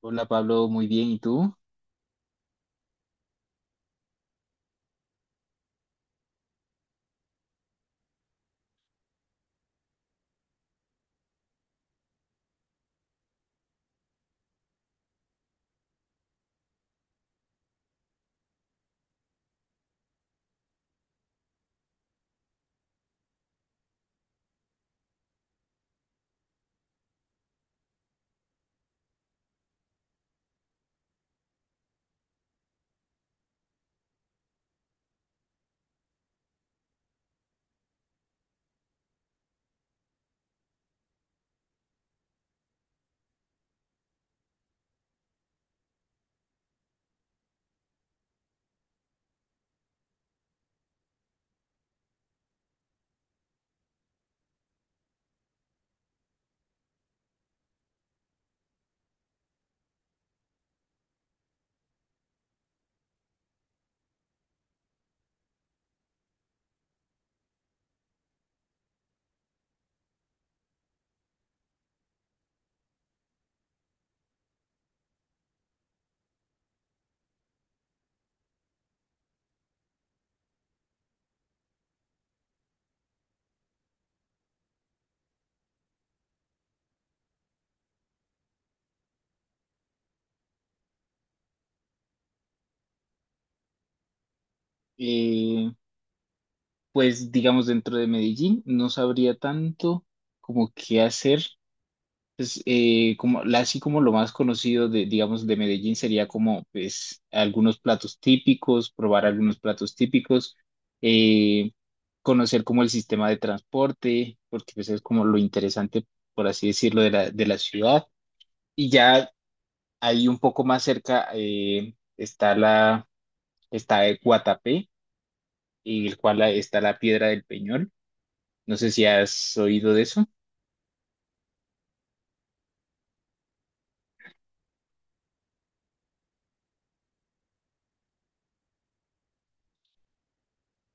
Hola Pablo, muy bien. ¿Y tú? Eh, pues digamos dentro de Medellín no sabría tanto como qué hacer. Pues como así como lo más conocido de digamos de Medellín sería como pues algunos platos típicos, probar algunos platos típicos, eh, conocer como el sistema de transporte, porque pues es como lo interesante por así decirlo de la ciudad. Y ya ahí un poco más cerca está la está Guatapé, en el cual está la Piedra del Peñol. No sé si has oído de eso.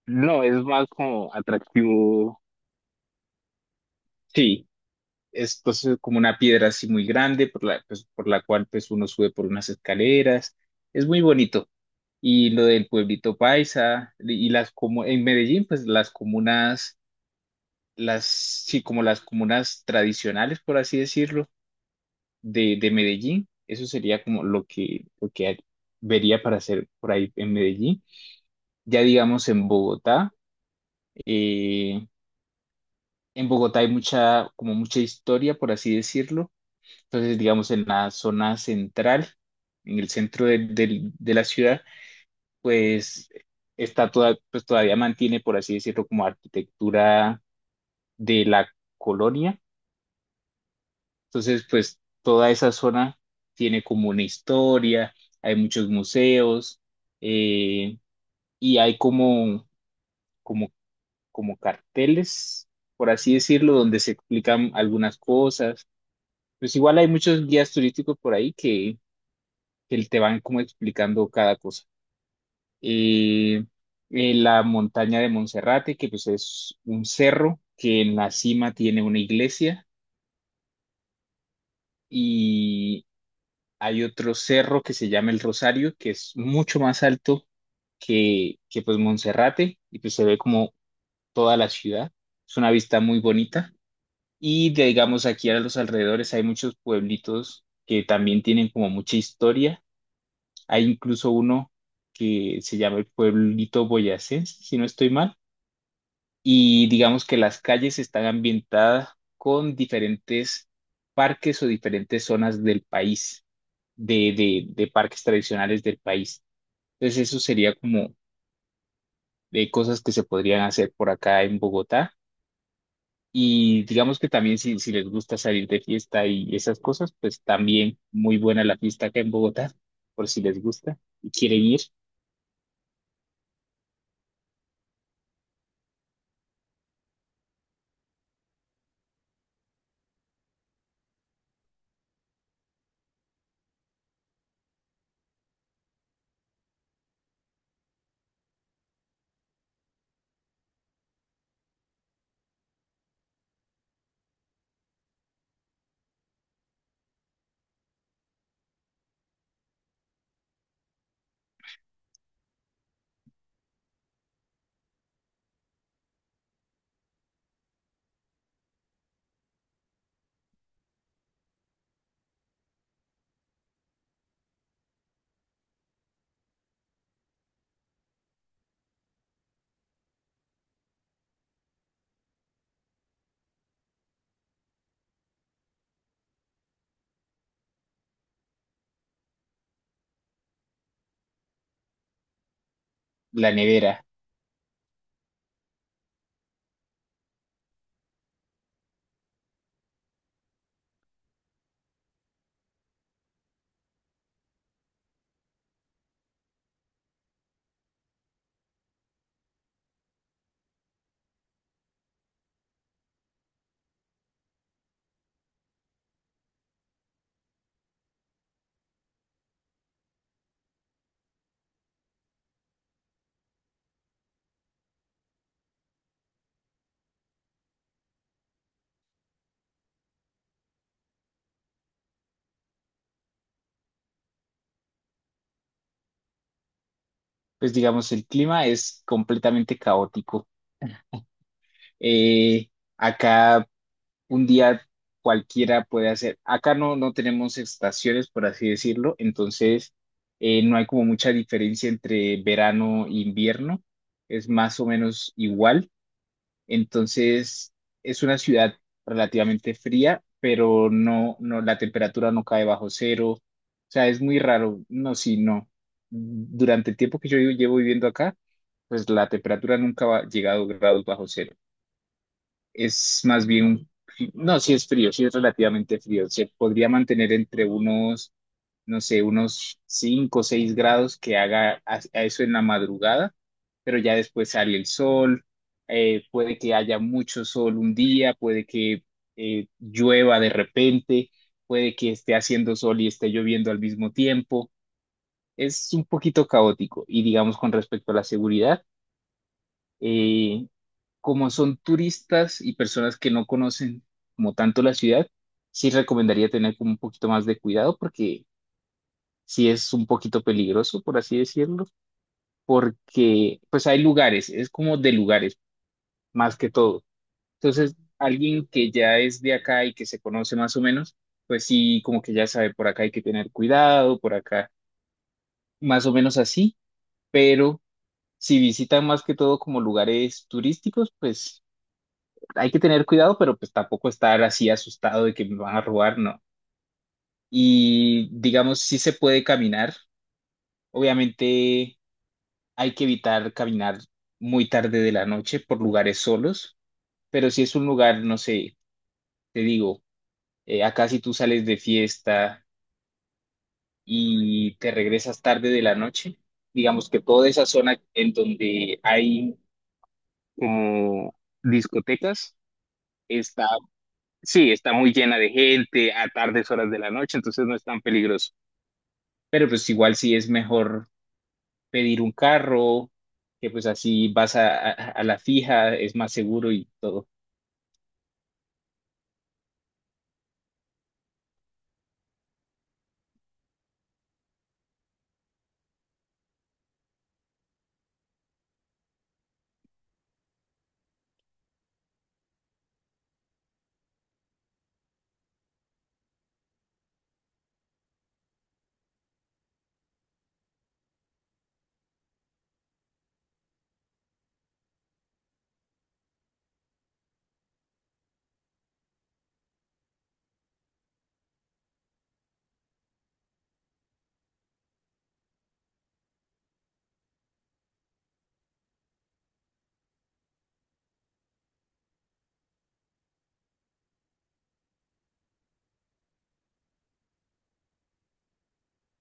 No, es más como atractivo. Sí, es pues, como una piedra así muy grande por la, pues, por la cual pues, uno sube por unas escaleras. Es muy bonito. Y lo del pueblito paisa y las como en Medellín, pues las comunas, las sí, como las comunas tradicionales, por así decirlo, de Medellín. Eso sería como lo que vería para hacer por ahí en Medellín. Ya digamos eh, en Bogotá hay mucha, como mucha historia, por así decirlo. Entonces, digamos en la zona central, en el centro de, de la ciudad, pues está toda, pues todavía mantiene, por así decirlo, como arquitectura de la colonia. Entonces, pues toda esa zona tiene como una historia, hay muchos museos, eh, y hay como, como como carteles, por así decirlo, donde se explican algunas cosas. Pues igual hay muchos guías turísticos por ahí que te van como explicando cada cosa. Eh, la montaña de Monserrate, que pues es un cerro que en la cima tiene una iglesia, y hay otro cerro que se llama el Rosario, que es mucho más alto que pues Monserrate, y pues se ve como toda la ciudad. Es una vista muy bonita. Y digamos, aquí a los alrededores hay muchos pueblitos que también tienen como mucha historia. Hay incluso uno que se llama el pueblito boyacense, si no estoy mal. Y digamos que las calles están ambientadas con diferentes parques o diferentes zonas del país, de parques tradicionales del país. Entonces eso sería como de cosas que se podrían hacer por acá en Bogotá. Y digamos que también si, si les gusta salir de fiesta y esas cosas, pues también muy buena la fiesta acá en Bogotá, por si les gusta y quieren ir. La nevera, pues digamos el clima es completamente caótico. Eh, acá un día cualquiera puede hacer, acá no, no tenemos estaciones, por así decirlo, entonces no hay como mucha diferencia entre verano e invierno, es más o menos igual. Entonces, es una ciudad relativamente fría, pero no, no, la temperatura no cae bajo cero. O sea, es muy raro. No, sí, no. Durante el tiempo que yo llevo viviendo acá, pues la temperatura nunca ha llegado a grados bajo cero, es más bien, un no, sí es frío, sí es relativamente frío. Se podría mantener entre unos, no sé, unos 5 o 6 grados que haga a eso en la madrugada, pero ya después sale el sol. Puede que haya mucho sol un día, puede que llueva de repente, puede que esté haciendo sol y esté lloviendo al mismo tiempo. Es un poquito caótico. Y digamos con respecto a la seguridad, eh, como son turistas y personas que no conocen como tanto la ciudad, sí recomendaría tener como un poquito más de cuidado, porque sí es un poquito peligroso, por así decirlo, porque pues hay lugares, es como de lugares más que todo. Entonces, alguien que ya es de acá y que se conoce más o menos, pues sí, como que ya sabe, por acá hay que tener cuidado, por acá, más o menos así, pero si visitan más que todo como lugares turísticos, pues hay que tener cuidado, pero pues tampoco estar así asustado de que me van a robar, no. Y digamos, sí se puede caminar. Obviamente hay que evitar caminar muy tarde de la noche por lugares solos, pero si es un lugar, no sé, te digo, acá si tú sales de fiesta y te regresas tarde de la noche, digamos que toda esa zona en donde hay como discotecas está, sí, está muy llena de gente a tardes horas de la noche, entonces no es tan peligroso. Pero pues igual sí es mejor pedir un carro, que pues así vas a, a la fija, es más seguro y todo.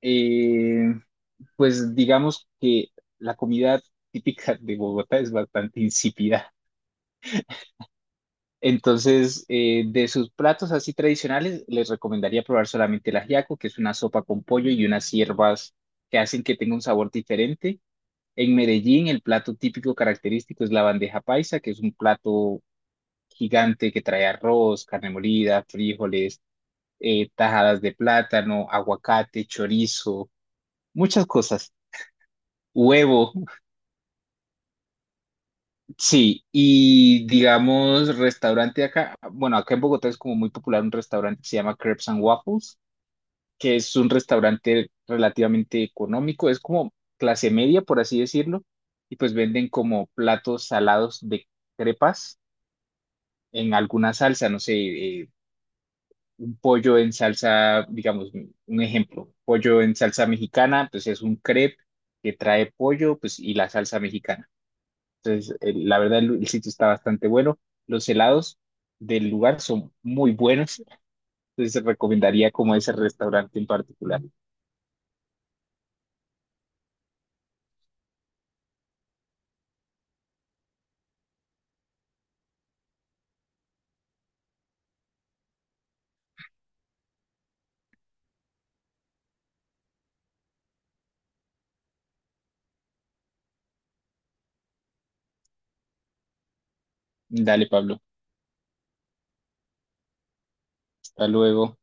Eh, pues digamos que la comida típica de Bogotá es bastante insípida. Entonces, de sus platos así tradicionales, les recomendaría probar solamente el ajiaco, que es una sopa con pollo y unas hierbas que hacen que tenga un sabor diferente. En Medellín, el plato típico característico es la bandeja paisa, que es un plato gigante que trae arroz, carne molida, frijoles, tajadas de plátano, aguacate, chorizo, muchas cosas. Huevo, sí, y digamos, restaurante acá, bueno, acá en Bogotá es como muy popular un restaurante que se llama Crepes and Waffles, que es un restaurante relativamente económico, es como clase media, por así decirlo, y pues venden como platos salados de crepas en alguna salsa, no sé, eh, un pollo en salsa, digamos, un ejemplo, pollo en salsa mexicana, pues es un crepe que trae pollo, pues y la salsa mexicana. Entonces, la verdad, el sitio está bastante bueno. Los helados del lugar son muy buenos, entonces recomendaría como ese restaurante en particular. Dale, Pablo, hasta luego.